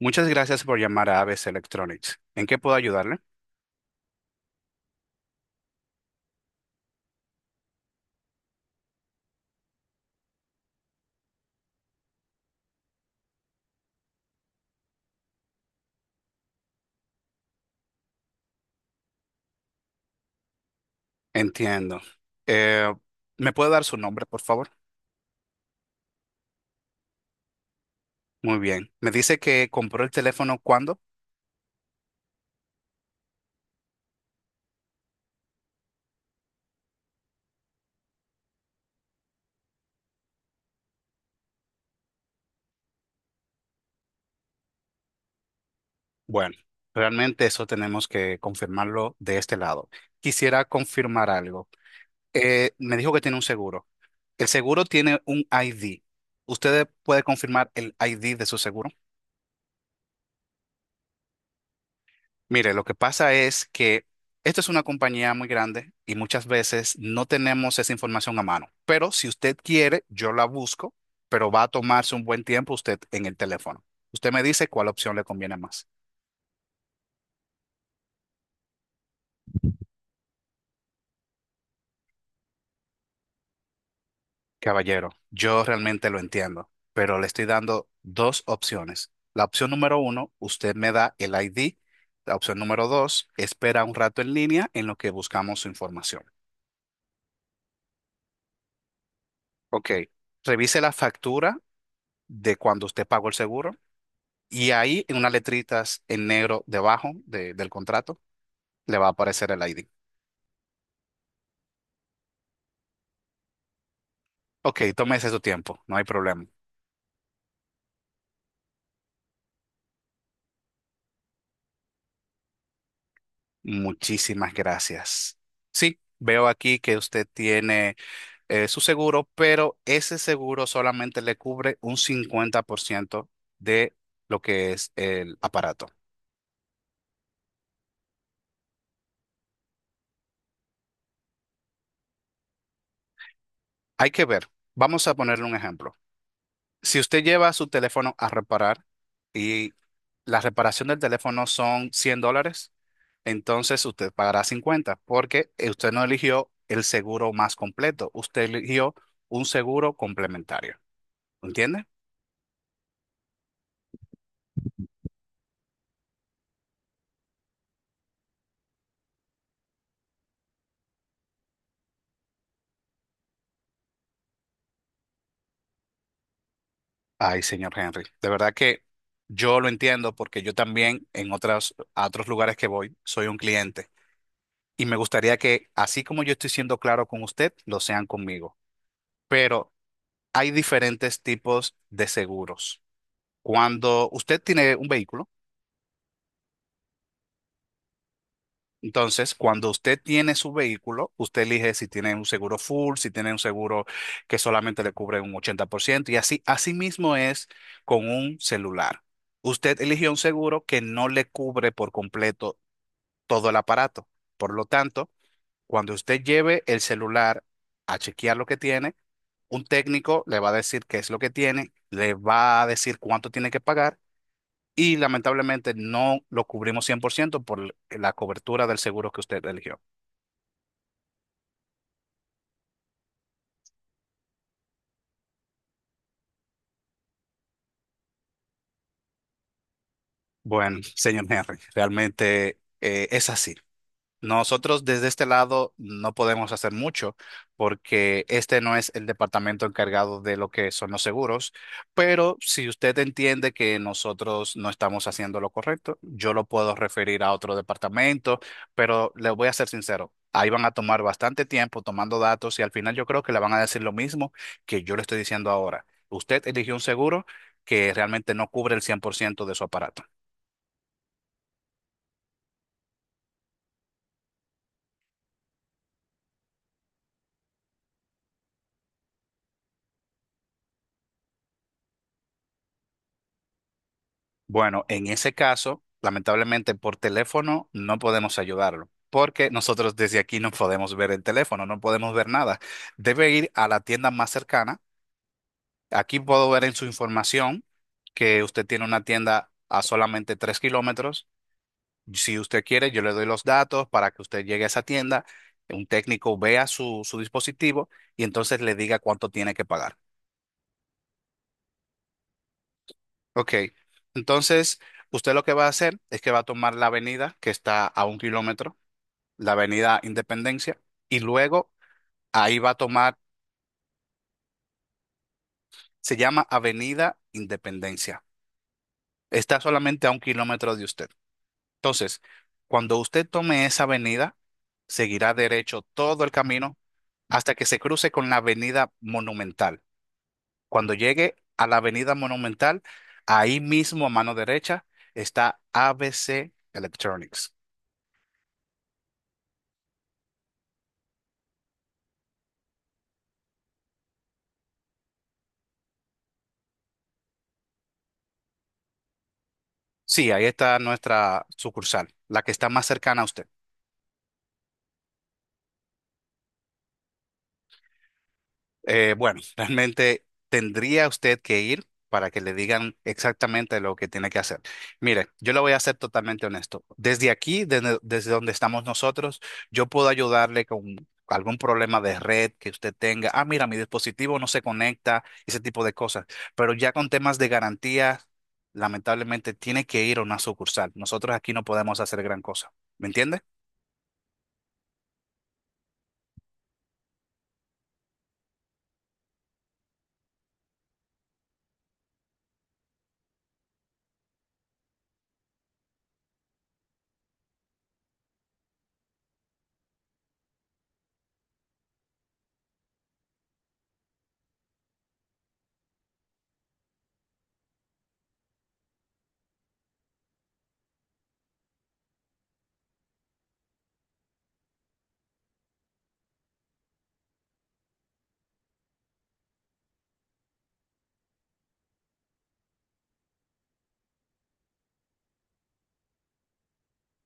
Muchas gracias por llamar a ABC Electronics. ¿En qué puedo ayudarle? Entiendo. Eh, ¿Me puede dar su nombre, por favor? Muy bien. ¿Me dice que compró el teléfono cuándo? Bueno, realmente eso tenemos que confirmarlo de este lado. Quisiera confirmar algo. Me dijo que tiene un seguro. El seguro tiene un ID. ¿Usted puede confirmar el ID de su seguro? Mire, lo que pasa es que esto es una compañía muy grande y muchas veces no tenemos esa información a mano. Pero si usted quiere, yo la busco, pero va a tomarse un buen tiempo usted en el teléfono. Usted me dice cuál opción le conviene más. Caballero, yo realmente lo entiendo, pero le estoy dando dos opciones. La opción número uno, usted me da el ID. La opción número dos, espera un rato en línea en lo que buscamos su información. Ok, revise la factura de cuando usted pagó el seguro. Y ahí, en unas letritas en negro debajo del contrato, le va a aparecer el ID. Ok, tómese su tiempo, no hay problema. Muchísimas gracias. Sí, veo aquí que usted tiene su seguro, pero ese seguro solamente le cubre un 50% de lo que es el aparato. Hay que ver, vamos a ponerle un ejemplo. Si usted lleva su teléfono a reparar y la reparación del teléfono son $100, entonces usted pagará 50 porque usted no eligió el seguro más completo, usted eligió un seguro complementario. ¿Entiende? Ay, señor Henry, de verdad que yo lo entiendo porque yo también en otras, a otros lugares que voy soy un cliente y me gustaría que así como yo estoy siendo claro con usted, lo sean conmigo. Pero hay diferentes tipos de seguros. Cuando usted tiene un vehículo. Entonces, cuando usted tiene su vehículo, usted elige si tiene un seguro full, si tiene un seguro que solamente le cubre un 80% y así, así mismo es con un celular. Usted eligió un seguro que no le cubre por completo todo el aparato. Por lo tanto, cuando usted lleve el celular a chequear lo que tiene, un técnico le va a decir qué es lo que tiene, le va a decir cuánto tiene que pagar. Y lamentablemente no lo cubrimos 100% por la cobertura del seguro que usted eligió. Bueno, señor Henry, realmente es así. Nosotros desde este lado no podemos hacer mucho porque este no es el departamento encargado de lo que son los seguros, pero si usted entiende que nosotros no estamos haciendo lo correcto, yo lo puedo referir a otro departamento, pero le voy a ser sincero, ahí van a tomar bastante tiempo tomando datos y al final yo creo que le van a decir lo mismo que yo le estoy diciendo ahora. Usted eligió un seguro que realmente no cubre el 100% de su aparato. Bueno, en ese caso, lamentablemente por teléfono no podemos ayudarlo, porque nosotros desde aquí no podemos ver el teléfono, no podemos ver nada. Debe ir a la tienda más cercana. Aquí puedo ver en su información que usted tiene una tienda a solamente 3 km. Si usted quiere, yo le doy los datos para que usted llegue a esa tienda, un técnico vea su, su dispositivo y entonces le diga cuánto tiene que pagar. Ok, entonces usted lo que va a hacer es que va a tomar la avenida que está a 1 km, la Avenida Independencia, y luego ahí va a tomar, se llama Avenida Independencia. Está solamente a 1 km de usted. Entonces, cuando usted tome esa avenida, seguirá derecho todo el camino hasta que se cruce con la Avenida Monumental. Cuando llegue a la Avenida Monumental, ahí mismo a mano derecha está ABC Electronics. Sí, ahí está nuestra sucursal, la que está más cercana a usted. Bueno, realmente tendría usted que ir para que le digan exactamente lo que tiene que hacer. Mire, yo le voy a ser totalmente honesto. Desde aquí, desde donde estamos nosotros, yo puedo ayudarle con algún problema de red que usted tenga. Ah, mira, mi dispositivo no se conecta, ese tipo de cosas. Pero ya con temas de garantía, lamentablemente tiene que ir a una sucursal. Nosotros aquí no podemos hacer gran cosa. ¿Me entiende?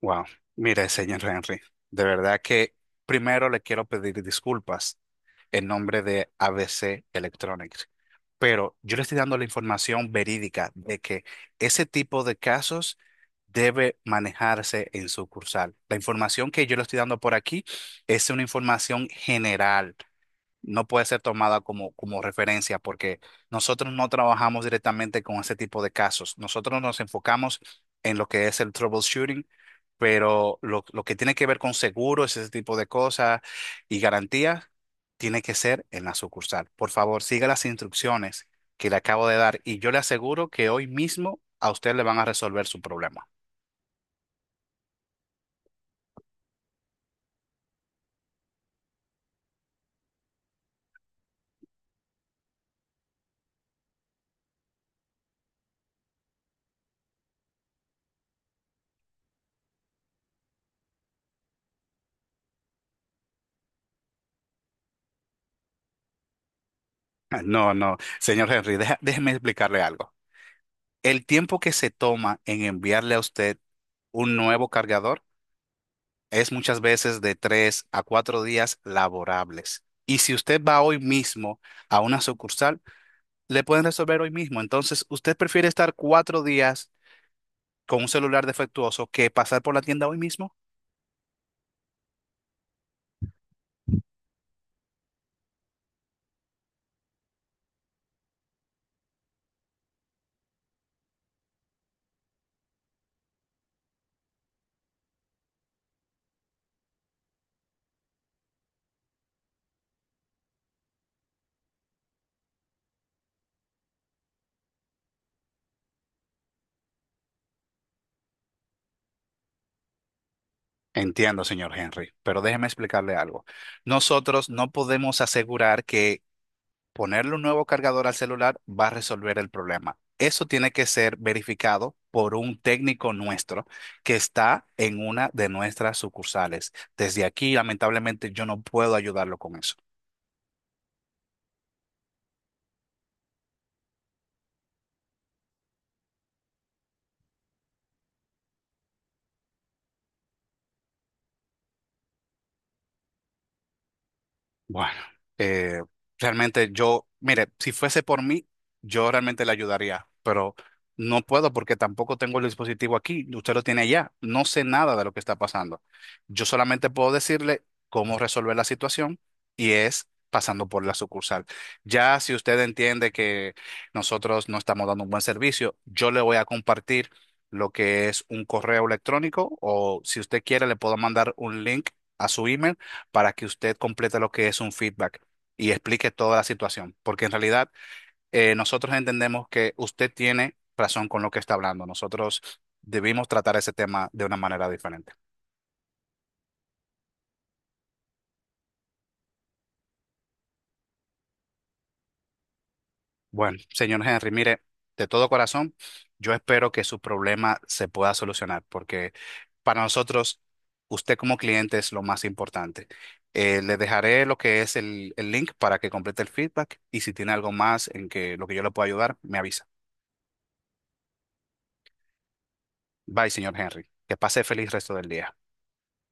Wow. Mire, señor Henry, de verdad que primero le quiero pedir disculpas. El nombre de ABC Electronics. Pero yo le estoy dando la información verídica de que ese tipo de casos debe manejarse en sucursal. La información que yo le estoy dando por aquí es una información general, no puede ser tomada como referencia porque nosotros no trabajamos directamente con ese tipo de casos. Nosotros nos enfocamos en lo que es el troubleshooting, pero lo que tiene que ver con seguros, ese tipo de cosas y garantías, tiene que ser en la sucursal. Por favor, siga las instrucciones que le acabo de dar y yo le aseguro que hoy mismo a usted le van a resolver su problema. No, no, señor Henry, déjeme explicarle algo. El tiempo que se toma en enviarle a usted un nuevo cargador es muchas veces de 3 a 4 días laborables. Y si usted va hoy mismo a una sucursal, le pueden resolver hoy mismo. Entonces, ¿usted prefiere estar 4 días con un celular defectuoso que pasar por la tienda hoy mismo? Entiendo, señor Henry, pero déjeme explicarle algo. Nosotros no podemos asegurar que ponerle un nuevo cargador al celular va a resolver el problema. Eso tiene que ser verificado por un técnico nuestro que está en una de nuestras sucursales. Desde aquí, lamentablemente, yo no puedo ayudarlo con eso. Bueno, eh, realmente yo, mire, si fuese por mí, yo realmente le ayudaría, pero no puedo porque tampoco tengo el dispositivo aquí, usted lo tiene allá, no sé nada de lo que está pasando. Yo solamente puedo decirle cómo resolver la situación y es pasando por la sucursal. Ya si usted entiende que nosotros no estamos dando un buen servicio, yo le voy a compartir lo que es un correo electrónico o si usted quiere le puedo mandar un link a su email para que usted complete lo que es un feedback y explique toda la situación, porque en realidad nosotros entendemos que usted tiene razón con lo que está hablando. Nosotros debimos tratar ese tema de una manera diferente. Bueno, señor Henry, mire, de todo corazón, yo espero que su problema se pueda solucionar, porque para nosotros, usted como cliente es lo más importante. Le dejaré lo que es el link para que complete el feedback y si tiene algo más en que lo que yo le pueda ayudar, me avisa. Bye, señor Henry. Que pase feliz resto del día.